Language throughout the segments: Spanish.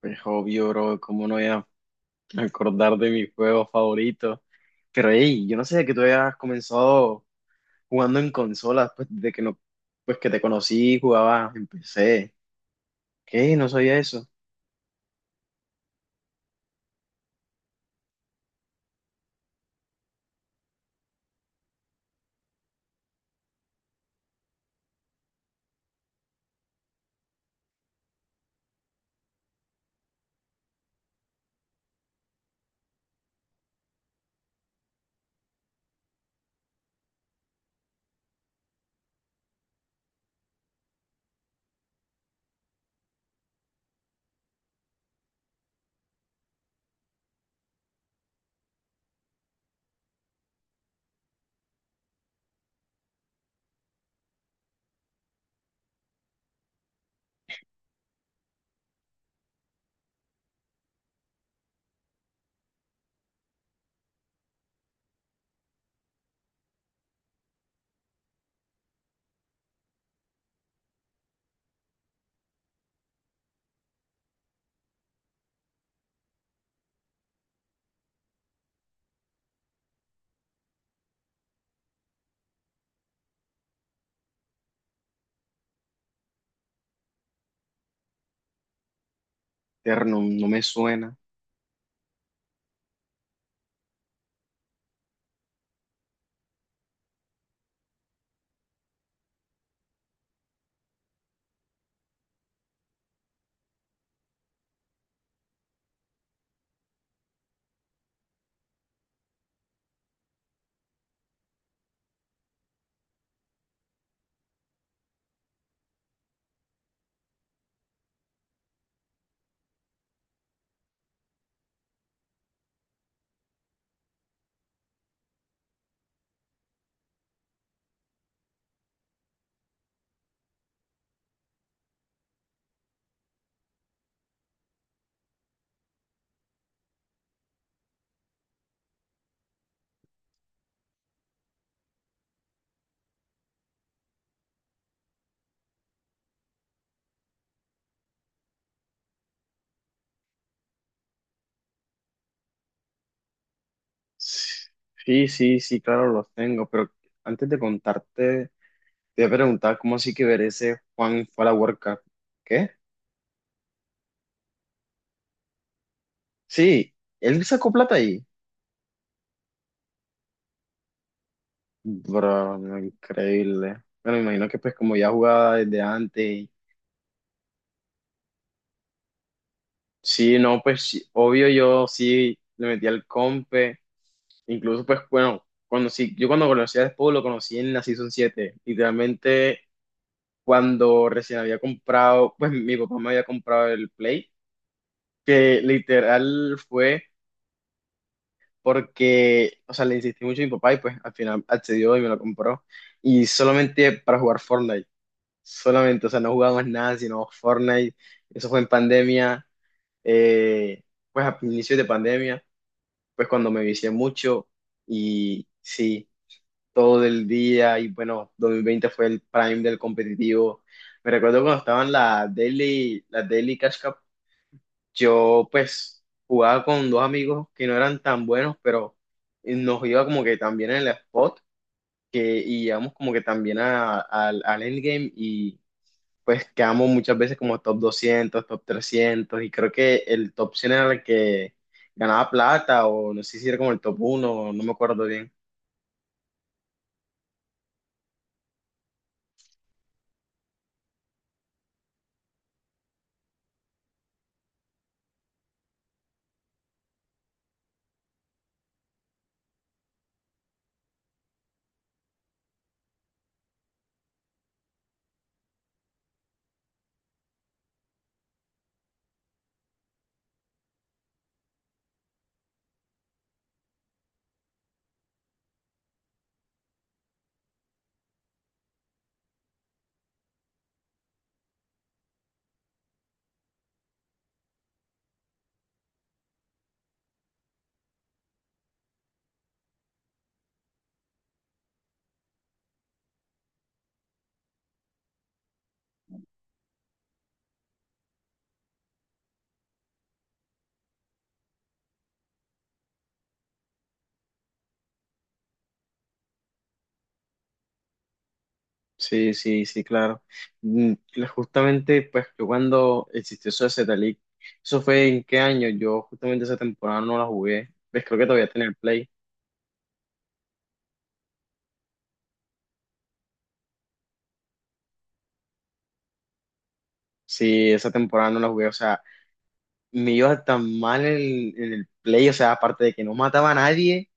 Pues obvio, bro, cómo no voy a acordar de mi juego favorito. Pero hey, yo no sé que tú habías comenzado jugando en consolas, pues desde que no, pues que te conocí, jugabas en PC. ¿Qué? No sabía eso. Terno, no me suena. Sí, sí, sí, claro, los tengo, pero antes de contarte, te voy a preguntar cómo así que ver ese Juan fue a la World Cup. ¿Qué? Sí, él sacó plata ahí. Bro, no, increíble. Bueno, me imagino que pues como ya jugaba desde antes. Sí, no, pues sí, obvio yo sí le metí al compe, incluso pues bueno, cuando sí, yo cuando conocí a Despo lo conocí en la Season 7, literalmente cuando recién había comprado, pues mi papá me había comprado el Play, que literal fue porque, o sea, le insistí mucho a mi papá y pues al final accedió y me lo compró, y solamente para jugar Fortnite, solamente, o sea, no jugábamos nada sino Fortnite, eso fue en pandemia, eh, pues a inicios de pandemia. Pues cuando me vicié mucho y sí, todo el día y bueno, 2020 fue el prime del competitivo. Me recuerdo cuando estaban las Daily Cash Cup, yo pues jugaba con dos amigos que no eran tan buenos, pero nos iba como que también en el spot que, y íbamos como que también al endgame y pues quedamos muchas veces como top 200, top 300 y creo que el top 100 era el que ganaba plata o no sé si era como el top 1, no me acuerdo bien. Sí, sí, sí, claro. Mm, Justamente, pues yo cuando existió eso de Zeta League, eso fue en qué año, yo justamente esa temporada no la jugué, pues creo que todavía tenía el play. Sí, esa temporada no la jugué, o sea, me iba tan mal en el play, o sea, aparte de que no mataba a nadie,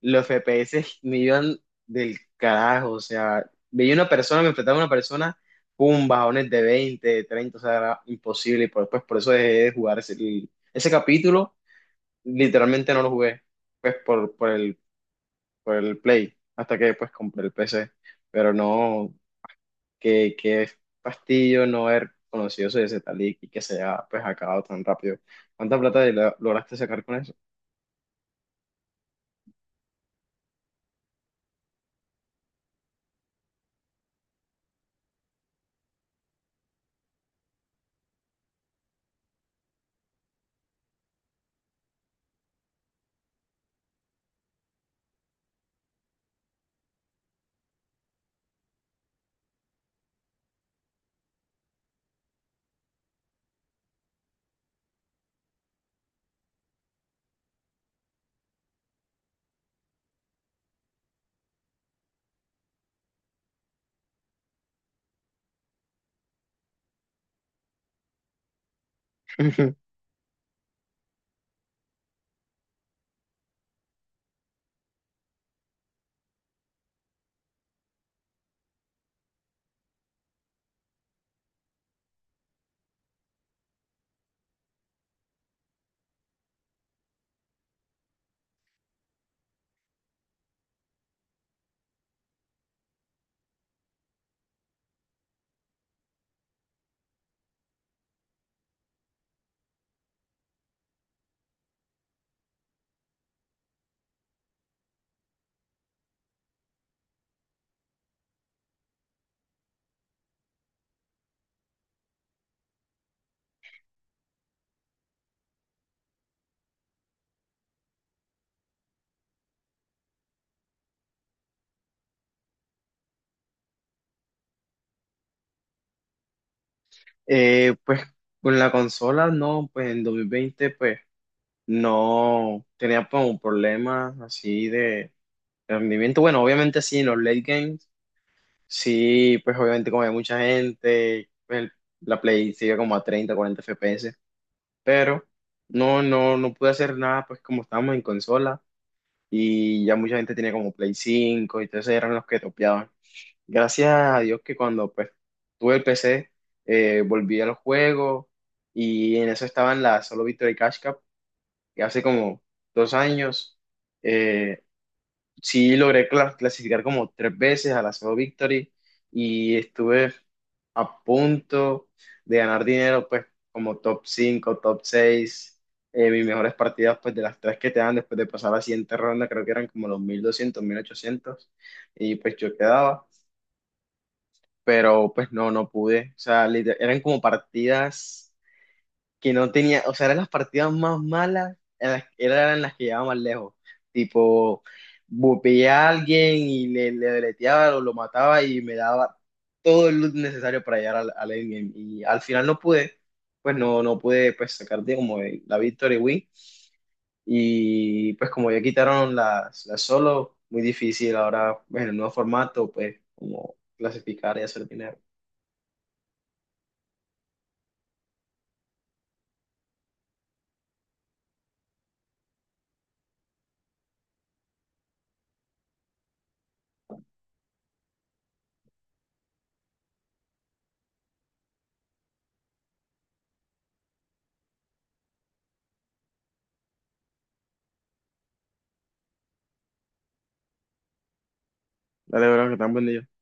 los FPS me iban del carajo, o sea, veía una persona, me enfrentaba a una persona, pum, bajones de veinte, de 30, o sea, era imposible, y por, pues por eso dejé de jugar ese, ese capítulo, literalmente no lo jugué, pues por el Play, hasta que después compré el PC, pero no, que fastidio no haber conocido ese tal y que se haya pues acabado tan rápido. ¿Cuánta plata lograste sacar con eso? Pues con la consola no, pues en 2020 pues no tenía pues un problema así de rendimiento. Bueno, obviamente sí, en los late games, sí, pues obviamente como hay mucha gente, la Play sigue como a 30, 40 FPS, pero no, no, no pude hacer nada pues como estábamos en consola y ya mucha gente tenía como Play 5 y entonces eran los que topeaban. Gracias a Dios que cuando pues, tuve el PC, volví al juego y en eso estaban las Solo Victory Cash Cup, que hace como 2 años. eh, sí logré clasificar como tres veces a la Solo Victory y estuve a punto de ganar dinero, pues como top 5, top 6. Mis mejores partidas, pues de las tres que te dan después de pasar la siguiente ronda, creo que eran como los 1200, 1800 y pues yo quedaba, pero pues no, no pude. O sea, eran como partidas que no tenía, o sea, eran las partidas más malas, en eran las que llevaba más lejos. Tipo, bupeé a alguien y le deleteaba o lo mataba y me daba todo el loot necesario para llegar al endgame. Y al final no pude, pues no, no pude pues sacar de como la victory win. Y pues como ya quitaron las solo, muy difícil ahora, bueno en el nuevo formato, pues como clasificar y hacer dinero. Dale, bro, que tan buen día.